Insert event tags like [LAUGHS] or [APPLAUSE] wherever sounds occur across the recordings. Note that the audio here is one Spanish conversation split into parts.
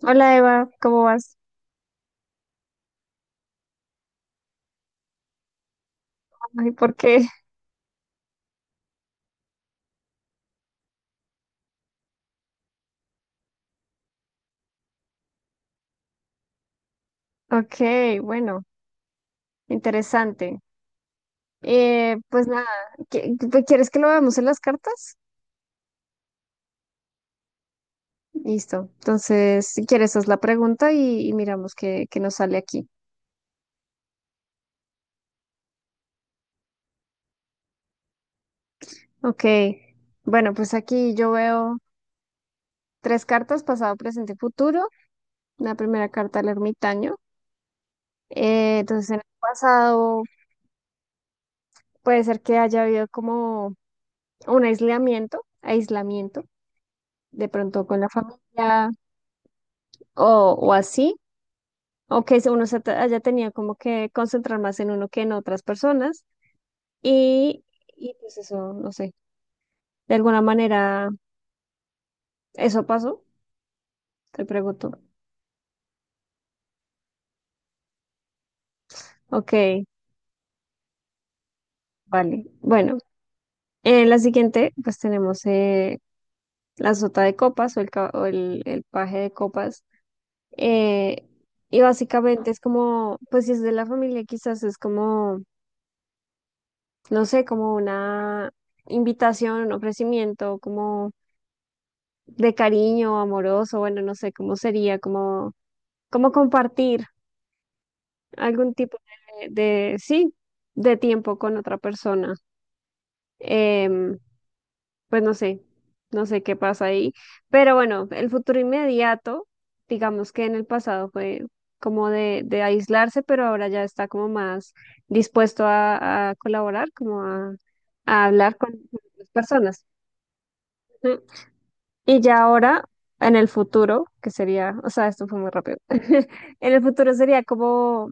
Hola Eva, ¿cómo vas? Ay, ¿por qué? Ok, bueno, interesante. Pues nada, ¿quieres que lo veamos en las cartas? Listo. Entonces, si quieres, haz la pregunta y, miramos qué, qué nos sale aquí. Ok, bueno, pues aquí yo veo tres cartas, pasado, presente y futuro. La primera carta, el ermitaño. Entonces, en el pasado puede ser que haya habido como un aislamiento, aislamiento, de pronto con la familia o así. O que allá tenía como que concentrar más en uno que en otras personas y, y pues eso, no sé, de alguna manera, ¿eso pasó? Te pregunto. Ok, vale. Bueno, en la siguiente pues tenemos la sota de copas o el, ca- o el paje de copas, eh, y básicamente es como, pues si es de la familia quizás es como, no sé, como una invitación, un ofrecimiento, como de cariño, amoroso, bueno, no sé cómo sería, como, como compartir algún tipo de, sí, de tiempo con otra persona. Em, pues no sé, no sé qué pasa ahí, pero bueno, el futuro inmediato, digamos que en el pasado fue como de aislarse, pero ahora ya está como más dispuesto a colaborar, como a hablar con las personas. Y ya ahora, en el futuro, que sería, o sea, esto fue muy rápido, [LAUGHS] en el futuro sería como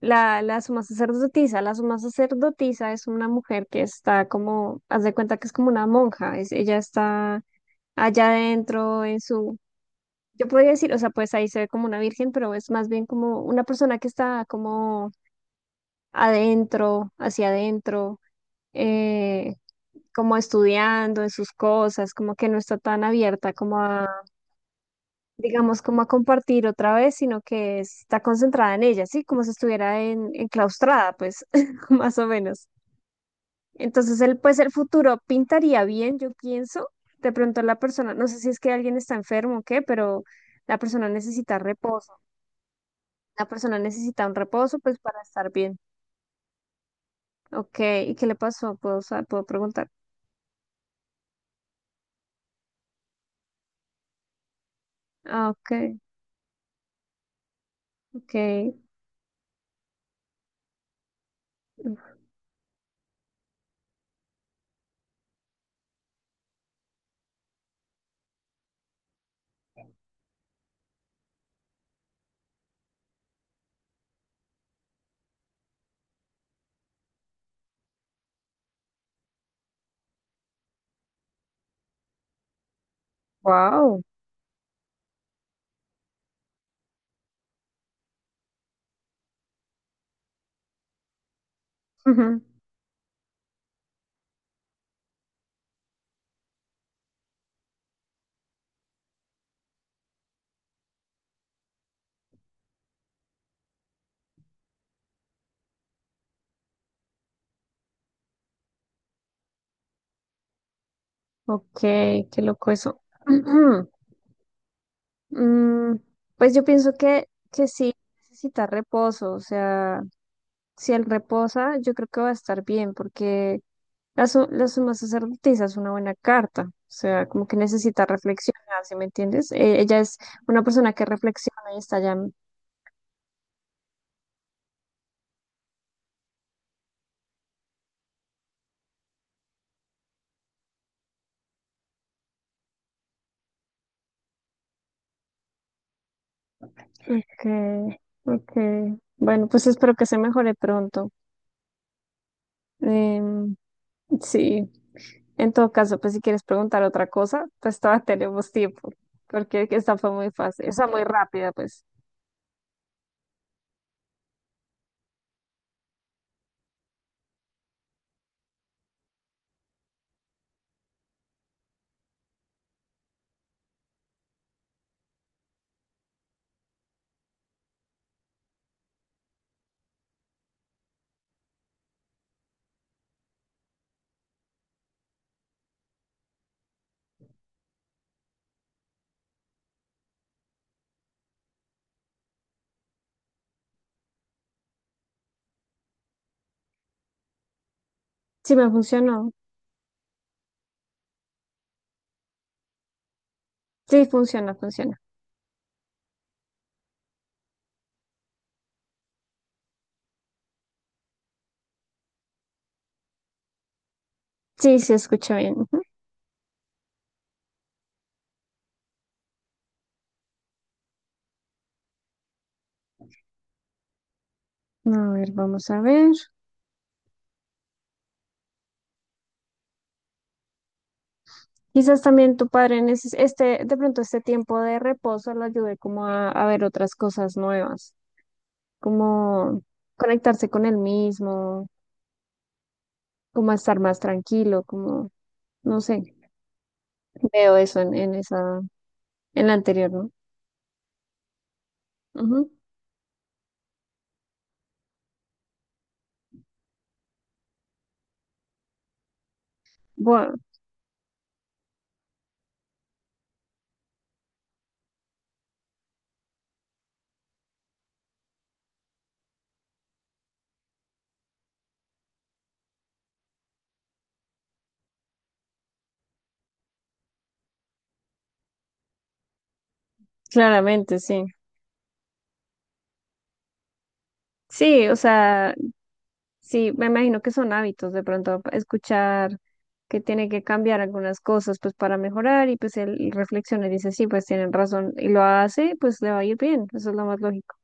la suma sacerdotisa. La suma sacerdotisa es una mujer que está como, haz de cuenta que es como una monja, ella está allá adentro en su, yo podría decir, o sea, pues ahí se ve como una virgen, pero es más bien como una persona que está como adentro, hacia adentro, eh, como estudiando en sus cosas, como que no está tan abierta como digamos, como a compartir otra vez, sino que está concentrada en ella, ¿sí? Como si estuviera en, enclaustrada, pues, [LAUGHS] más o menos. Entonces, él, pues, el futuro pintaría bien, yo pienso. De pronto la persona, no sé si es que alguien está enfermo o qué, pero la persona necesita reposo. La persona necesita un reposo, pues, para estar bien. Ok, ¿y qué le pasó? ¿Puedo, puedo preguntar? Ah, ok, ok. Wow. [LAUGHS] Ok, qué loco eso. [CLEARS THROAT] Mm, pues yo pienso que sí necesita reposo, o sea, si él reposa, yo creo que va a estar bien, porque la, la suma sacerdotisa es una buena carta, o sea, como que necesita reflexionar, ¿sí me entiendes? Ella es una persona que reflexiona y está ya. Ok, ok. Bueno, pues espero que se mejore pronto. Em, sí, en todo caso, pues si quieres preguntar otra cosa, pues todavía tenemos tiempo, porque esta fue muy fácil, o sea, muy rápida, pues. Sí, me funcionó. Sí, funciona, funciona. Sí, se escucha bien. Ujú. A ver, vamos a ver. Quizás también tu padre en este, de pronto este tiempo de reposo lo ayude como a ver otras cosas nuevas, como conectarse con él mismo, como a estar más tranquilo, como, no sé, veo eso en esa, en la anterior, ¿no? Ujú. Bueno, claramente, sí. Sí, o sea, sí, me imagino que son hábitos de pronto escuchar que tiene que cambiar algunas cosas pues para mejorar y pues él reflexiona y dice, sí, pues tienen razón y lo hace, pues le va a ir bien, eso es lo más lógico.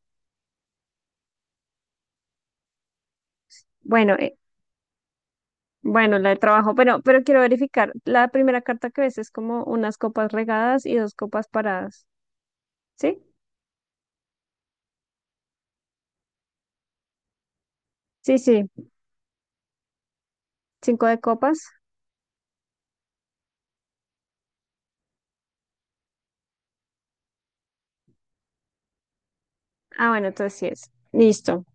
Bueno, bueno, la de trabajo, pero quiero verificar, la primera carta que ves es como unas copas regadas y dos copas paradas, ¿sí? Sí, sí, cinco de copas. Ah, bueno, entonces sí es. Listo.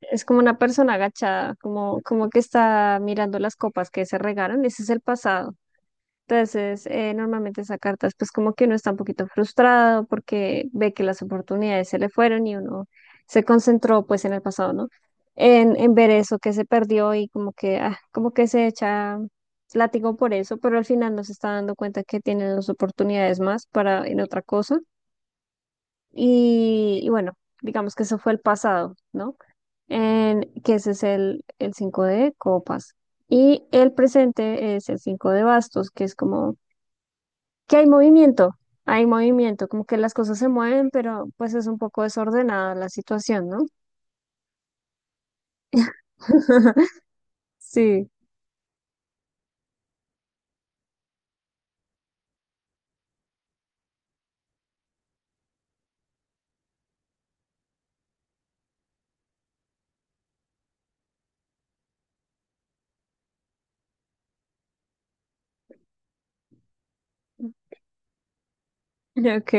Es como una persona agachada, como, como que está mirando las copas que se regaron, ese es el pasado. Entonces, normalmente esa carta es pues como que uno está un poquito frustrado porque ve que las oportunidades se le fueron y uno se concentró pues en el pasado, ¿no? En ver eso que se perdió y como que, ah, como que se echa látigo por eso, pero al final no se está dando cuenta que tiene dos oportunidades más para en otra cosa. Y bueno, digamos que eso fue el pasado, ¿no? En, que ese es el 5 de copas. Y el presente es el 5 de bastos, que es como que hay movimiento, como que las cosas se mueven, pero pues es un poco desordenada la situación, ¿no? [LAUGHS] Sí, ok.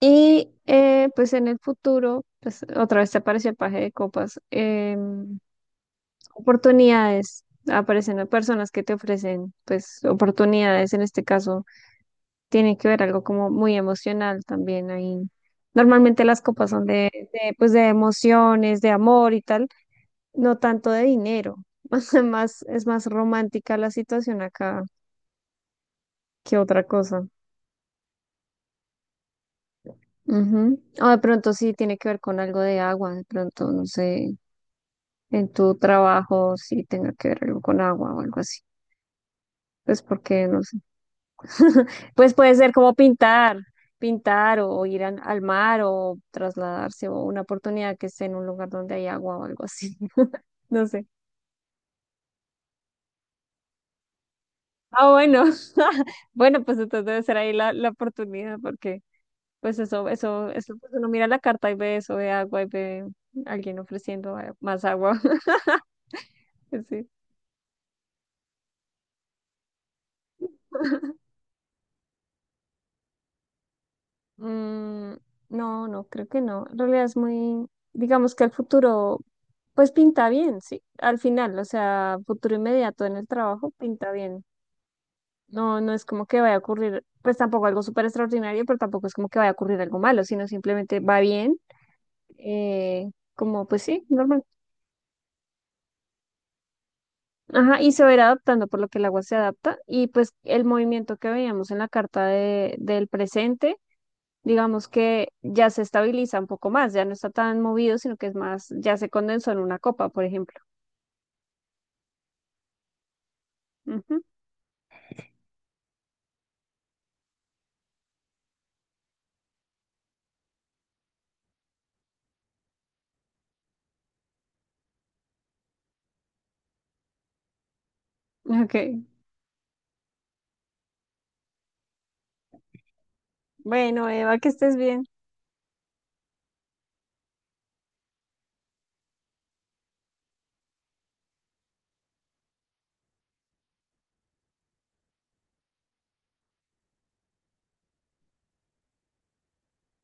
Y pues en el futuro, pues otra vez te apareció el paje de copas, oportunidades, aparecen personas que te ofrecen pues oportunidades, en este caso tiene que ver algo como muy emocional también ahí. Normalmente las copas son de, pues de emociones, de amor y tal. No tanto de dinero, [LAUGHS] más, es más romántica la situación acá que otra cosa. Ujú. O de pronto sí tiene que ver con algo de agua, de pronto, no sé, en tu trabajo sí tenga que ver algo con agua o algo así. Pues porque, no sé. [LAUGHS] Pues puede ser como pintar, pintar o ir al mar o trasladarse o una oportunidad que esté en un lugar donde hay agua o algo así. [LAUGHS] No sé. Ah, bueno. [LAUGHS] Bueno, pues entonces debe ser ahí la, la oportunidad porque... Pues eso, pues uno mira la carta y ve eso, ve agua y ve alguien ofreciendo más agua. [LAUGHS] Sí. Mm, no, no, creo que no. En realidad es muy, digamos que el futuro, pues pinta bien, sí. Al final, o sea, futuro inmediato en el trabajo pinta bien. No, no es como que vaya a ocurrir, pues tampoco algo súper extraordinario, pero tampoco es como que vaya a ocurrir algo malo, sino simplemente va bien, como pues sí, normal. Ajá, y se va a ir adaptando, por lo que el agua se adapta. Y pues el movimiento que veíamos en la carta de, del presente, digamos que ya se estabiliza un poco más, ya no está tan movido, sino que es más, ya se condensó en una copa, por ejemplo. Ujú. Ok. Bueno, Eva, que estés bien.